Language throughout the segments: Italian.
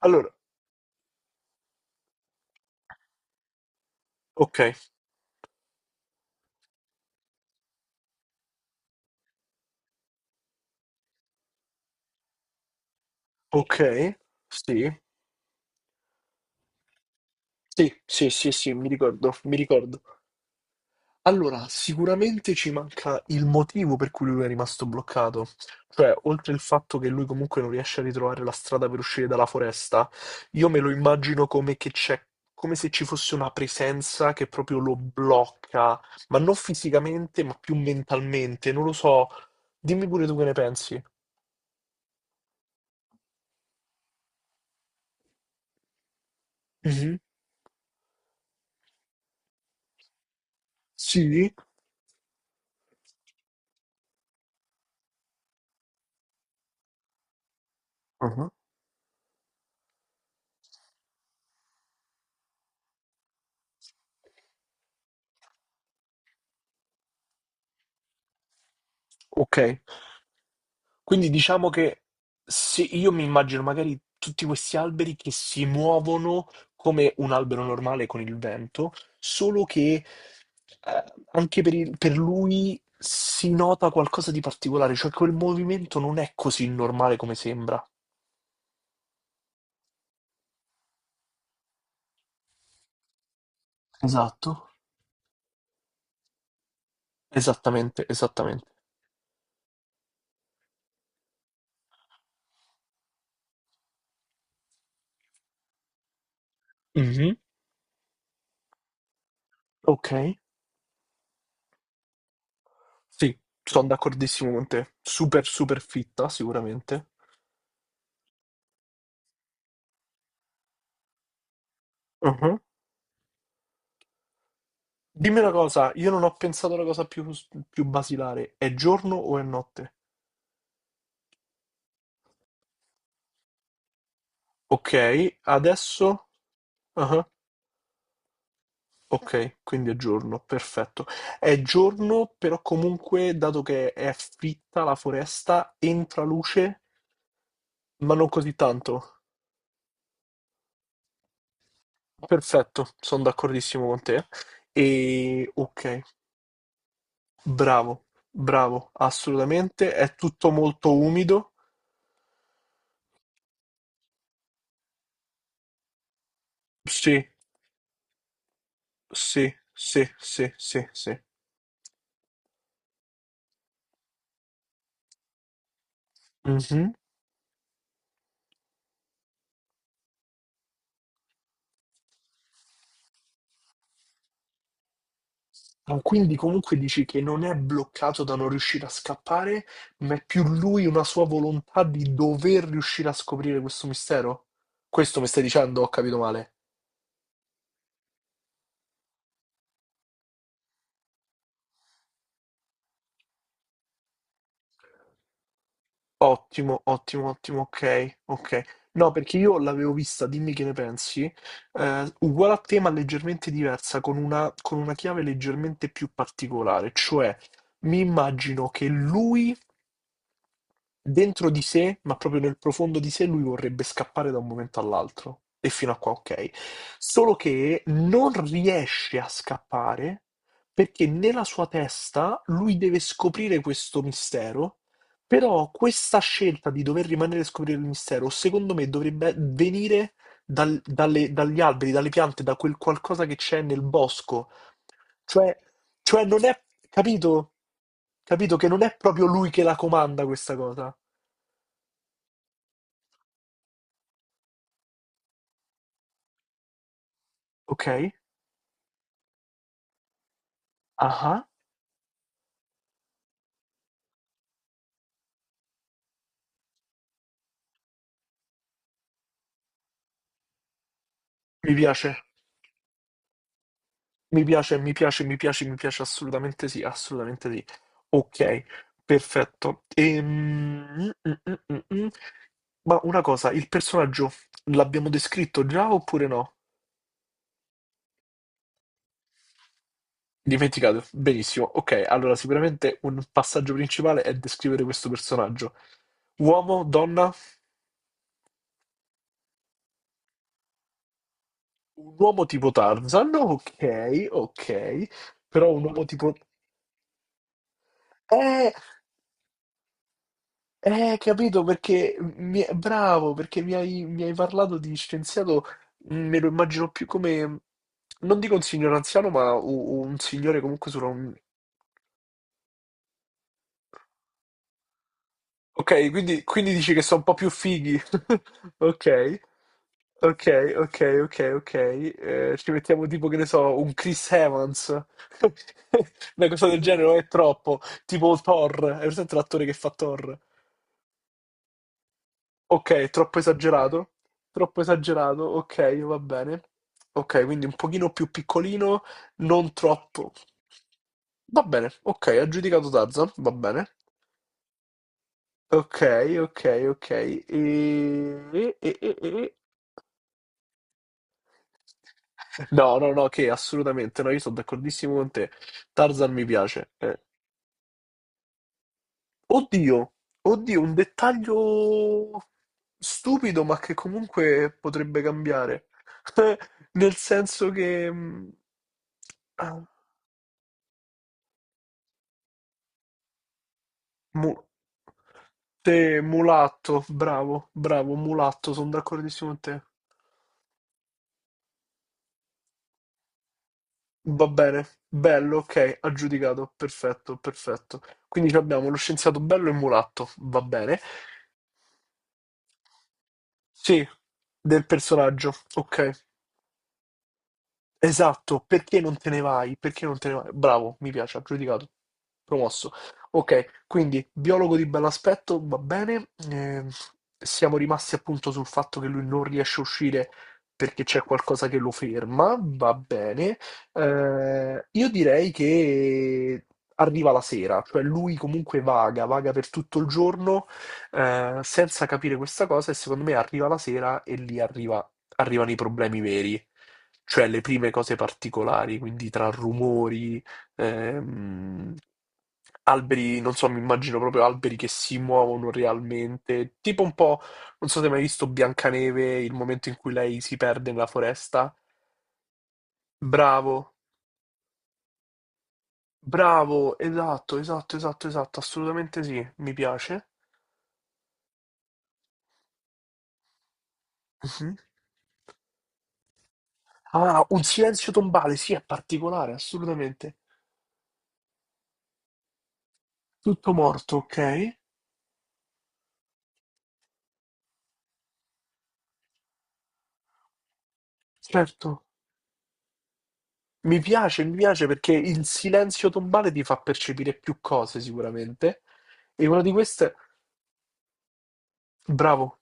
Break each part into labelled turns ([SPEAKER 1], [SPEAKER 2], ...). [SPEAKER 1] Allora, ok, ok, sì, sì, sì, sì, sì, mi ricordo, mi ricordo. Allora, sicuramente ci manca il motivo per cui lui è rimasto bloccato, cioè, oltre il fatto che lui comunque non riesce a ritrovare la strada per uscire dalla foresta, io me lo immagino come che c'è, come se ci fosse una presenza che proprio lo blocca, ma non fisicamente, ma più mentalmente, non lo so. Dimmi pure tu che ne pensi. Mhm. Sì. Ah, ok. Quindi diciamo che sì, io mi immagino magari tutti questi alberi che si muovono come un albero normale con il vento, solo che eh, anche per, per lui si nota qualcosa di particolare, cioè quel movimento non è così normale come sembra. Esatto. Esattamente, esattamente. Mhm. Ok, sì, sono d'accordissimo con te. Super, super fitta, sicuramente. Dimmi una cosa, io non ho pensato alla cosa più, più basilare, è giorno o è notte? Ok, adesso... ah, ok, quindi è giorno, perfetto. È giorno, però comunque, dato che è fitta la foresta, entra luce, ma non così tanto. Perfetto, sono d'accordissimo con te. E ok, bravo, bravo, assolutamente. È tutto molto umido. Sì, sì, sì, sì, sì, sì. Mhm. Ma quindi comunque dici che non è bloccato da non riuscire a scappare, ma è più lui una sua volontà di dover riuscire a scoprire questo mistero? Questo mi stai dicendo, ho capito male. Ottimo, ottimo, ottimo, ok, ok. No, perché io l'avevo vista, dimmi che ne pensi, uguale a te ma leggermente diversa, con una chiave leggermente più particolare, cioè mi immagino che lui dentro di sé, ma proprio nel profondo di sé, lui vorrebbe scappare da un momento all'altro. E fino a qua ok. Solo che non riesce a scappare perché nella sua testa lui deve scoprire questo mistero, però questa scelta di dover rimanere a scoprire il mistero, secondo me, dovrebbe venire dagli alberi, dalle piante, da quel qualcosa che c'è nel bosco. Cioè, cioè non è, capito? Capito che non è proprio lui che la comanda questa cosa. Ok, ah, mi piace, mi piace, mi piace, mi piace, mi piace assolutamente sì, assolutamente sì. Ok, perfetto. Mm, mm. mm. Ma una cosa, il personaggio l'abbiamo descritto già oppure no? Dimenticato, benissimo. Ok, allora sicuramente un passaggio principale è descrivere questo personaggio. Uomo, donna, un uomo tipo Tarzan, ok, ok, però un uomo tipo... Eh, eh, capito, perché bravo, perché mi hai parlato di scienziato, me lo immagino più come, non dico un signore anziano, ma un signore comunque sulla... un- Ok, quindi, quindi dici che sono un po' più fighi. Ok, ok, ok, ok, ok. Ci mettiamo tipo, che ne so, un Chris Evans. Una cosa del genere, non è troppo. Tipo Thor, hai presente l'attore che fa Thor? Ok, troppo esagerato? Troppo esagerato, ok, va bene. Ok, quindi un pochino più piccolino, non troppo. Va bene, ok, aggiudicato Tarzan, va bene. Ok, ok, ok. E- No, no, no, che assolutamente, no, io sono d'accordissimo con te. Tarzan mi piace. Oddio, oddio, un dettaglio stupido, ma che comunque potrebbe cambiare. Nel senso che... ah, mu- te, mulatto, bravo, bravo, mulatto, sono d'accordissimo con te. Va bene, bello, ok, aggiudicato, perfetto, perfetto. Quindi ci abbiamo lo scienziato bello e mulatto, va bene. Sì, del personaggio, ok. Esatto, perché non te ne vai? Perché non te ne vai? Bravo, mi piace, aggiudicato, promosso. Ok, quindi biologo di bell'aspetto, va bene. Siamo rimasti appunto sul fatto che lui non riesce a uscire perché c'è qualcosa che lo ferma, va bene. Io direi che arriva la sera, cioè lui comunque vaga, vaga per tutto il giorno, senza capire questa cosa e secondo me arriva la sera e arrivano i problemi veri, cioè le prime cose particolari, quindi tra rumori, ehm, alberi, non so, mi immagino proprio alberi che si muovono realmente, tipo un po', non so se hai mai visto Biancaneve, il momento in cui lei si perde nella foresta. Bravo, bravo, esatto, esatto, esatto, esatto, assolutamente sì, mi piace. Mhm. Ah, un silenzio tombale, sì, è particolare, assolutamente. Tutto morto, ok? Certo. Mi piace perché il silenzio tombale ti fa percepire più cose sicuramente. E una di queste, bravo,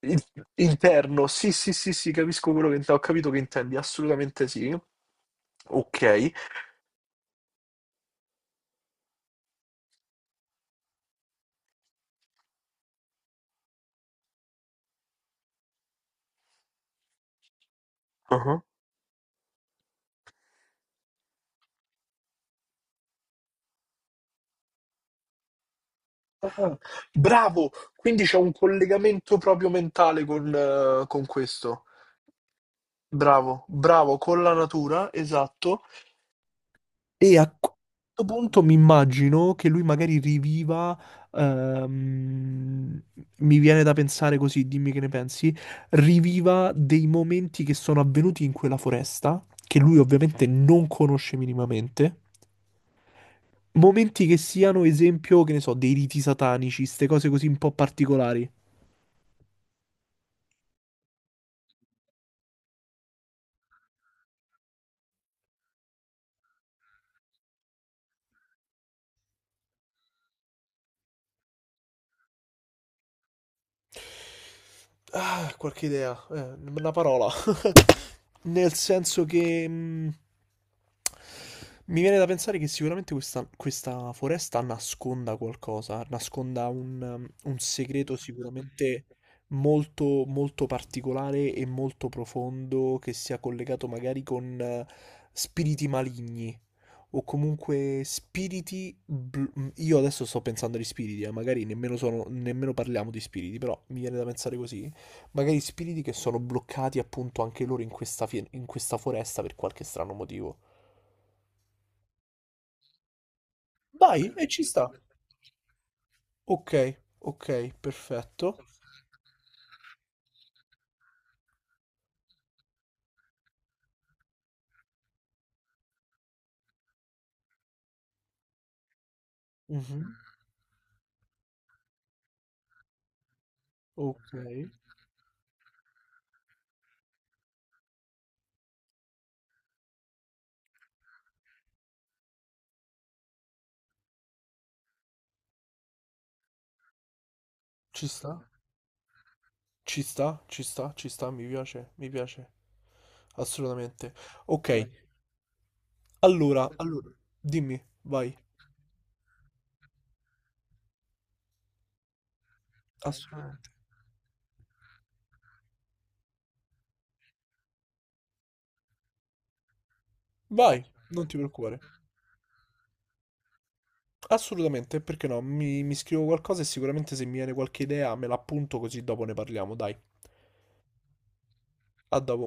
[SPEAKER 1] Il- interno. Sì, sì, sì, sì, capisco quello che intendi. Ho capito che intendi, assolutamente sì. Ok. Ah. Ah, bravo, quindi c'è un collegamento proprio mentale con questo. Bravo, bravo, con la natura, esatto. E a questo punto mi immagino che lui magari riviva, ehm, mi viene da pensare così, dimmi che ne pensi, riviva dei momenti che sono avvenuti in quella foresta, che lui ovviamente non conosce minimamente, momenti che siano esempio, che ne so, dei riti satanici, queste cose così un po' particolari. Ah, qualche idea, una parola. Nel senso che mi viene da pensare che sicuramente questa, questa foresta nasconda qualcosa, nasconda un, un segreto sicuramente molto, molto particolare e molto profondo che sia collegato magari con spiriti maligni o comunque spiriti. Io adesso sto pensando agli spiriti, magari nemmeno, sono, nemmeno parliamo di spiriti, però mi viene da pensare così. Magari spiriti che sono bloccati appunto anche loro in questa, in questa foresta per qualche strano motivo. Vai, e ci sta. Ok, ok, perfetto. Mhm, ok, ci sta, ci sta, ci sta, ci sta, mi piace, mi piace. Assolutamente. Ok, allora, allora, dimmi, vai. Assolutamente. Vai, non ti preoccupare. Assolutamente, perché no? Mi scrivo qualcosa e sicuramente se mi viene qualche idea me l'appunto così dopo ne parliamo, dai. A dopo.